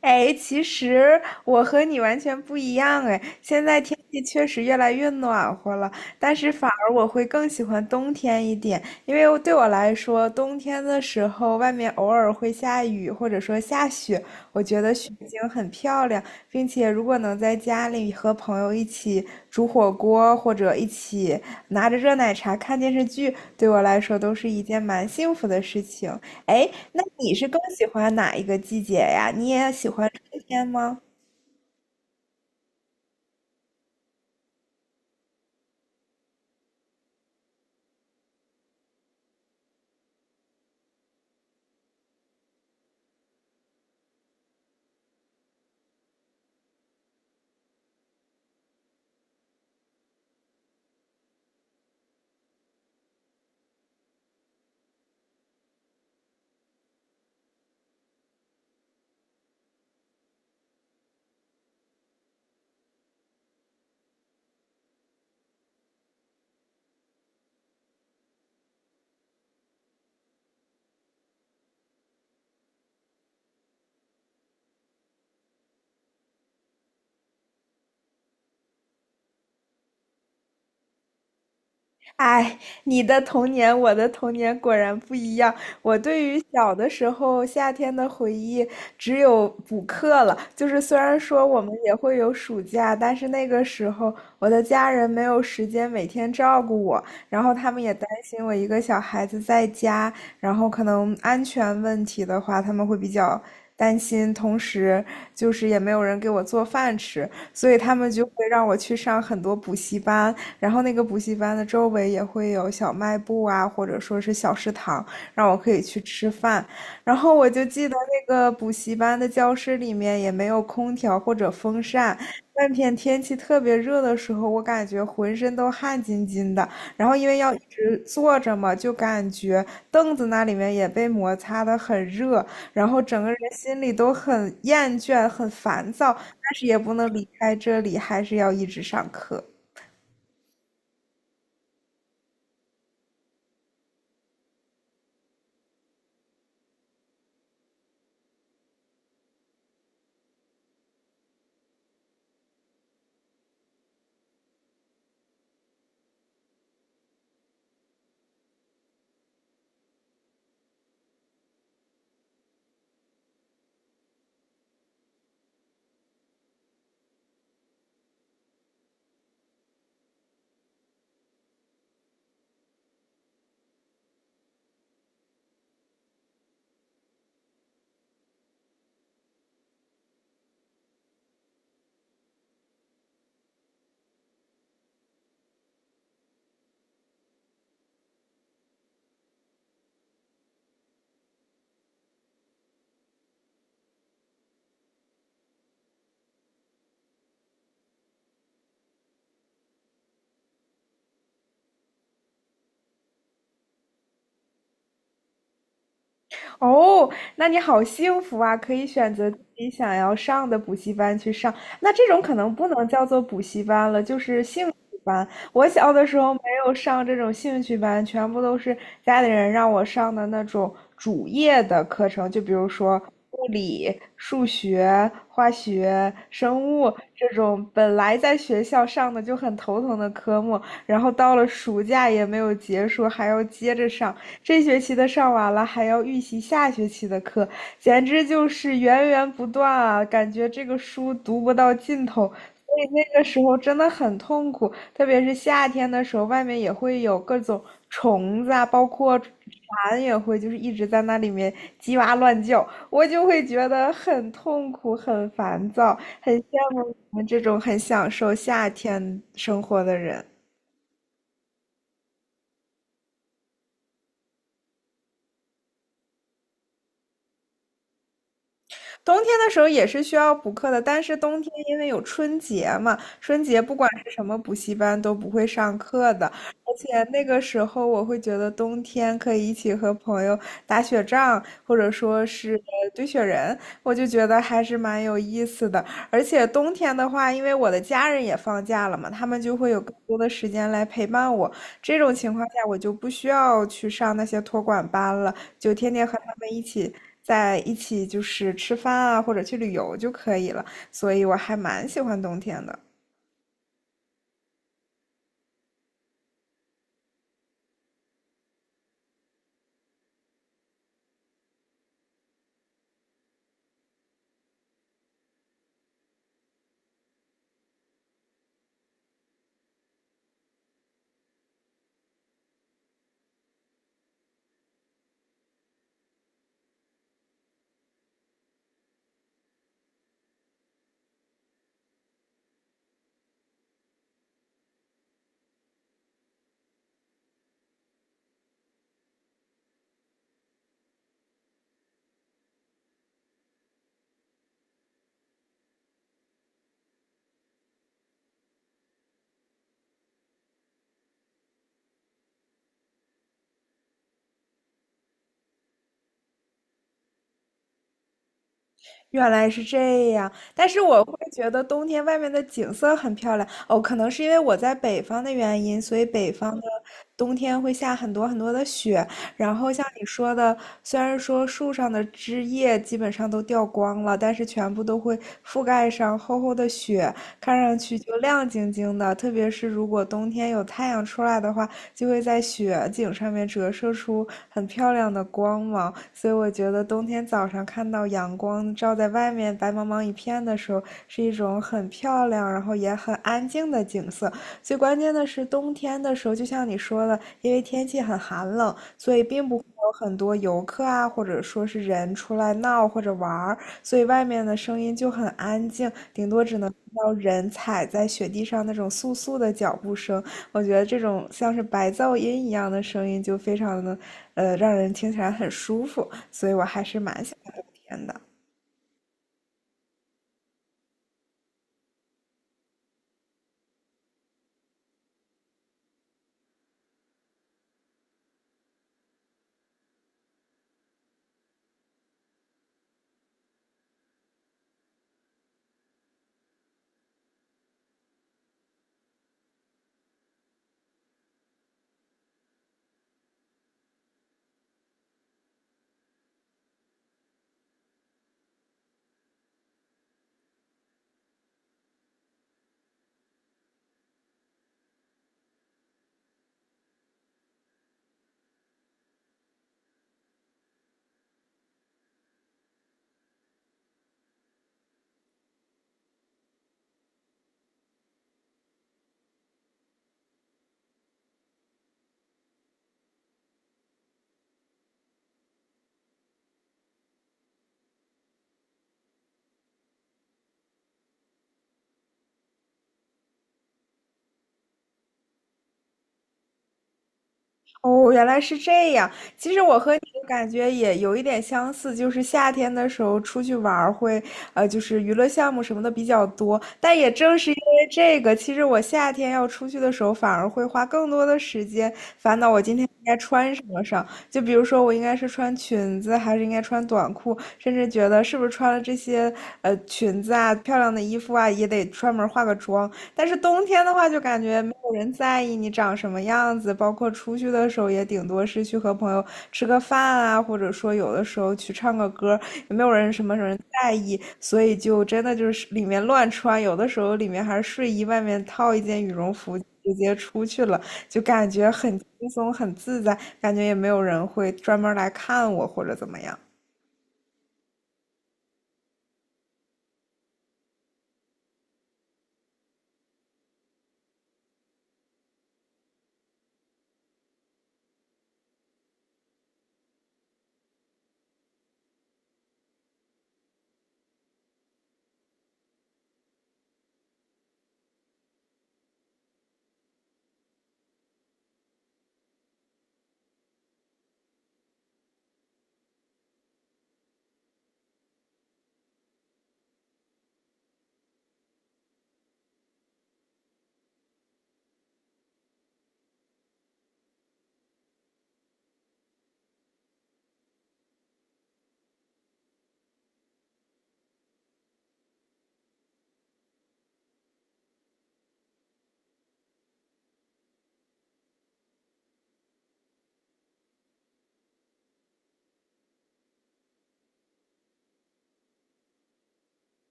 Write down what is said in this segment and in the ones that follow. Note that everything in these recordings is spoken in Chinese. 哎，其实我和你完全不一样哎，现在天气确实越来越暖和了，但是反而我会更喜欢冬天一点，因为对我来说，冬天的时候外面偶尔会下雨或者说下雪，我觉得雪景很漂亮，并且如果能在家里和朋友一起煮火锅或者一起拿着热奶茶看电视剧，对我来说都是一件蛮幸福的事情。哎，那你是更喜欢哪一个季节呀？你也喜欢春天吗？哎，你的童年，我的童年果然不一样。我对于小的时候夏天的回忆，只有补课了。就是虽然说我们也会有暑假，但是那个时候我的家人没有时间每天照顾我，然后他们也担心我一个小孩子在家，然后可能安全问题的话，他们会比较担心，同时就是也没有人给我做饭吃，所以他们就会让我去上很多补习班。然后那个补习班的周围也会有小卖部啊，或者说是小食堂，让我可以去吃饭。然后我就记得那个补习班的教室里面也没有空调或者风扇，那天天气特别热的时候，我感觉浑身都汗津津的。然后因为要一直坐着嘛，就感觉凳子那里面也被摩擦的很热，然后整个人心里都很厌倦、很烦躁，但是也不能离开这里，还是要一直上课。哦，那你好幸福啊，可以选择自己想要上的补习班去上。那这种可能不能叫做补习班了，就是兴趣班。我小的时候没有上这种兴趣班，全部都是家里人让我上的那种主业的课程，就比如说物理、数学、化学、生物这种本来在学校上的就很头疼的科目，然后到了暑假也没有结束，还要接着上。这学期的上完了，还要预习下学期的课，简直就是源源不断啊！感觉这个书读不到尽头，所以那个时候真的很痛苦。特别是夏天的时候，外面也会有各种虫子啊，包括蝉也会，就是一直在那里面叽哇乱叫，我就会觉得很痛苦、很烦躁，很羡慕你们这种很享受夏天生活的人。冬天的时候也是需要补课的，但是冬天因为有春节嘛，春节不管是什么补习班都不会上课的，而且那个时候我会觉得冬天可以一起和朋友打雪仗，或者说是堆雪人，我就觉得还是蛮有意思的。而且冬天的话，因为我的家人也放假了嘛，他们就会有更多的时间来陪伴我。这种情况下，我就不需要去上那些托管班了，就天天和他们一起在一起，就是吃饭啊，或者去旅游就可以了。所以我还蛮喜欢冬天的。原来是这样，但是我会觉得冬天外面的景色很漂亮哦，可能是因为我在北方的原因，所以北方的冬天会下很多很多的雪。然后像你说的，虽然说树上的枝叶基本上都掉光了，但是全部都会覆盖上厚厚的雪，看上去就亮晶晶的。特别是如果冬天有太阳出来的话，就会在雪景上面折射出很漂亮的光芒，所以我觉得冬天早上看到阳光照在外面白茫茫一片的时候，是一种很漂亮，然后也很安静的景色。最关键的是冬天的时候，就像你说的，因为天气很寒冷，所以并不会有很多游客啊，或者说是人出来闹或者玩儿。所以外面的声音就很安静，顶多只能听到人踩在雪地上那种簌簌的脚步声。我觉得这种像是白噪音一样的声音就非常的，让人听起来很舒服，所以我还是蛮喜欢冬天的。哦，原来是这样。其实我和你的感觉也有一点相似，就是夏天的时候出去玩儿会，就是娱乐项目什么的比较多。但也正是因为这个，其实我夏天要出去的时候，反而会花更多的时间烦恼我今天应该穿什么上。就比如说，我应该是穿裙子，还是应该穿短裤，甚至觉得是不是穿了这些裙子啊、漂亮的衣服啊，也得专门化个妆。但是冬天的话，就感觉没有人在意你长什么样子，包括出去的时候，也顶多是去和朋友吃个饭啊，或者说有的时候去唱个歌，也没有人什么在意，所以就真的就是里面乱穿，有的时候里面还是睡衣，外面套一件羽绒服直接出去了，就感觉很轻松、很自在，感觉也没有人会专门来看我或者怎么样。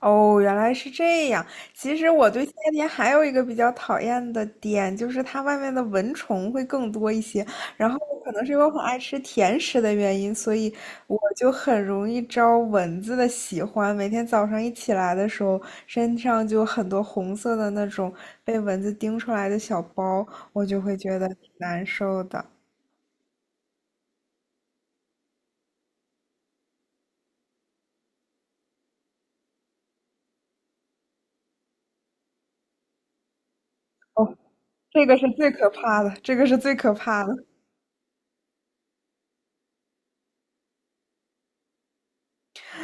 哦，原来是这样。其实我对夏天还有一个比较讨厌的点，就是它外面的蚊虫会更多一些。然后可能是因为我很爱吃甜食的原因，所以我就很容易招蚊子的喜欢。每天早上一起来的时候，身上就有很多红色的那种被蚊子叮出来的小包，我就会觉得挺难受的。哦，这个是最可怕的，这个是最可怕的。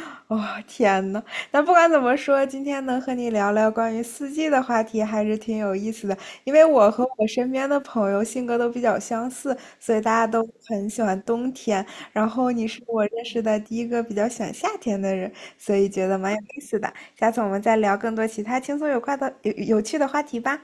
哦，天呐，那不管怎么说，今天能和你聊聊关于四季的话题还是挺有意思的，因为我和我身边的朋友性格都比较相似，所以大家都很喜欢冬天。然后你是我认识的第一个比较喜欢夏天的人，所以觉得蛮有意思的。下次我们再聊更多其他轻松有快的、有趣的话题吧。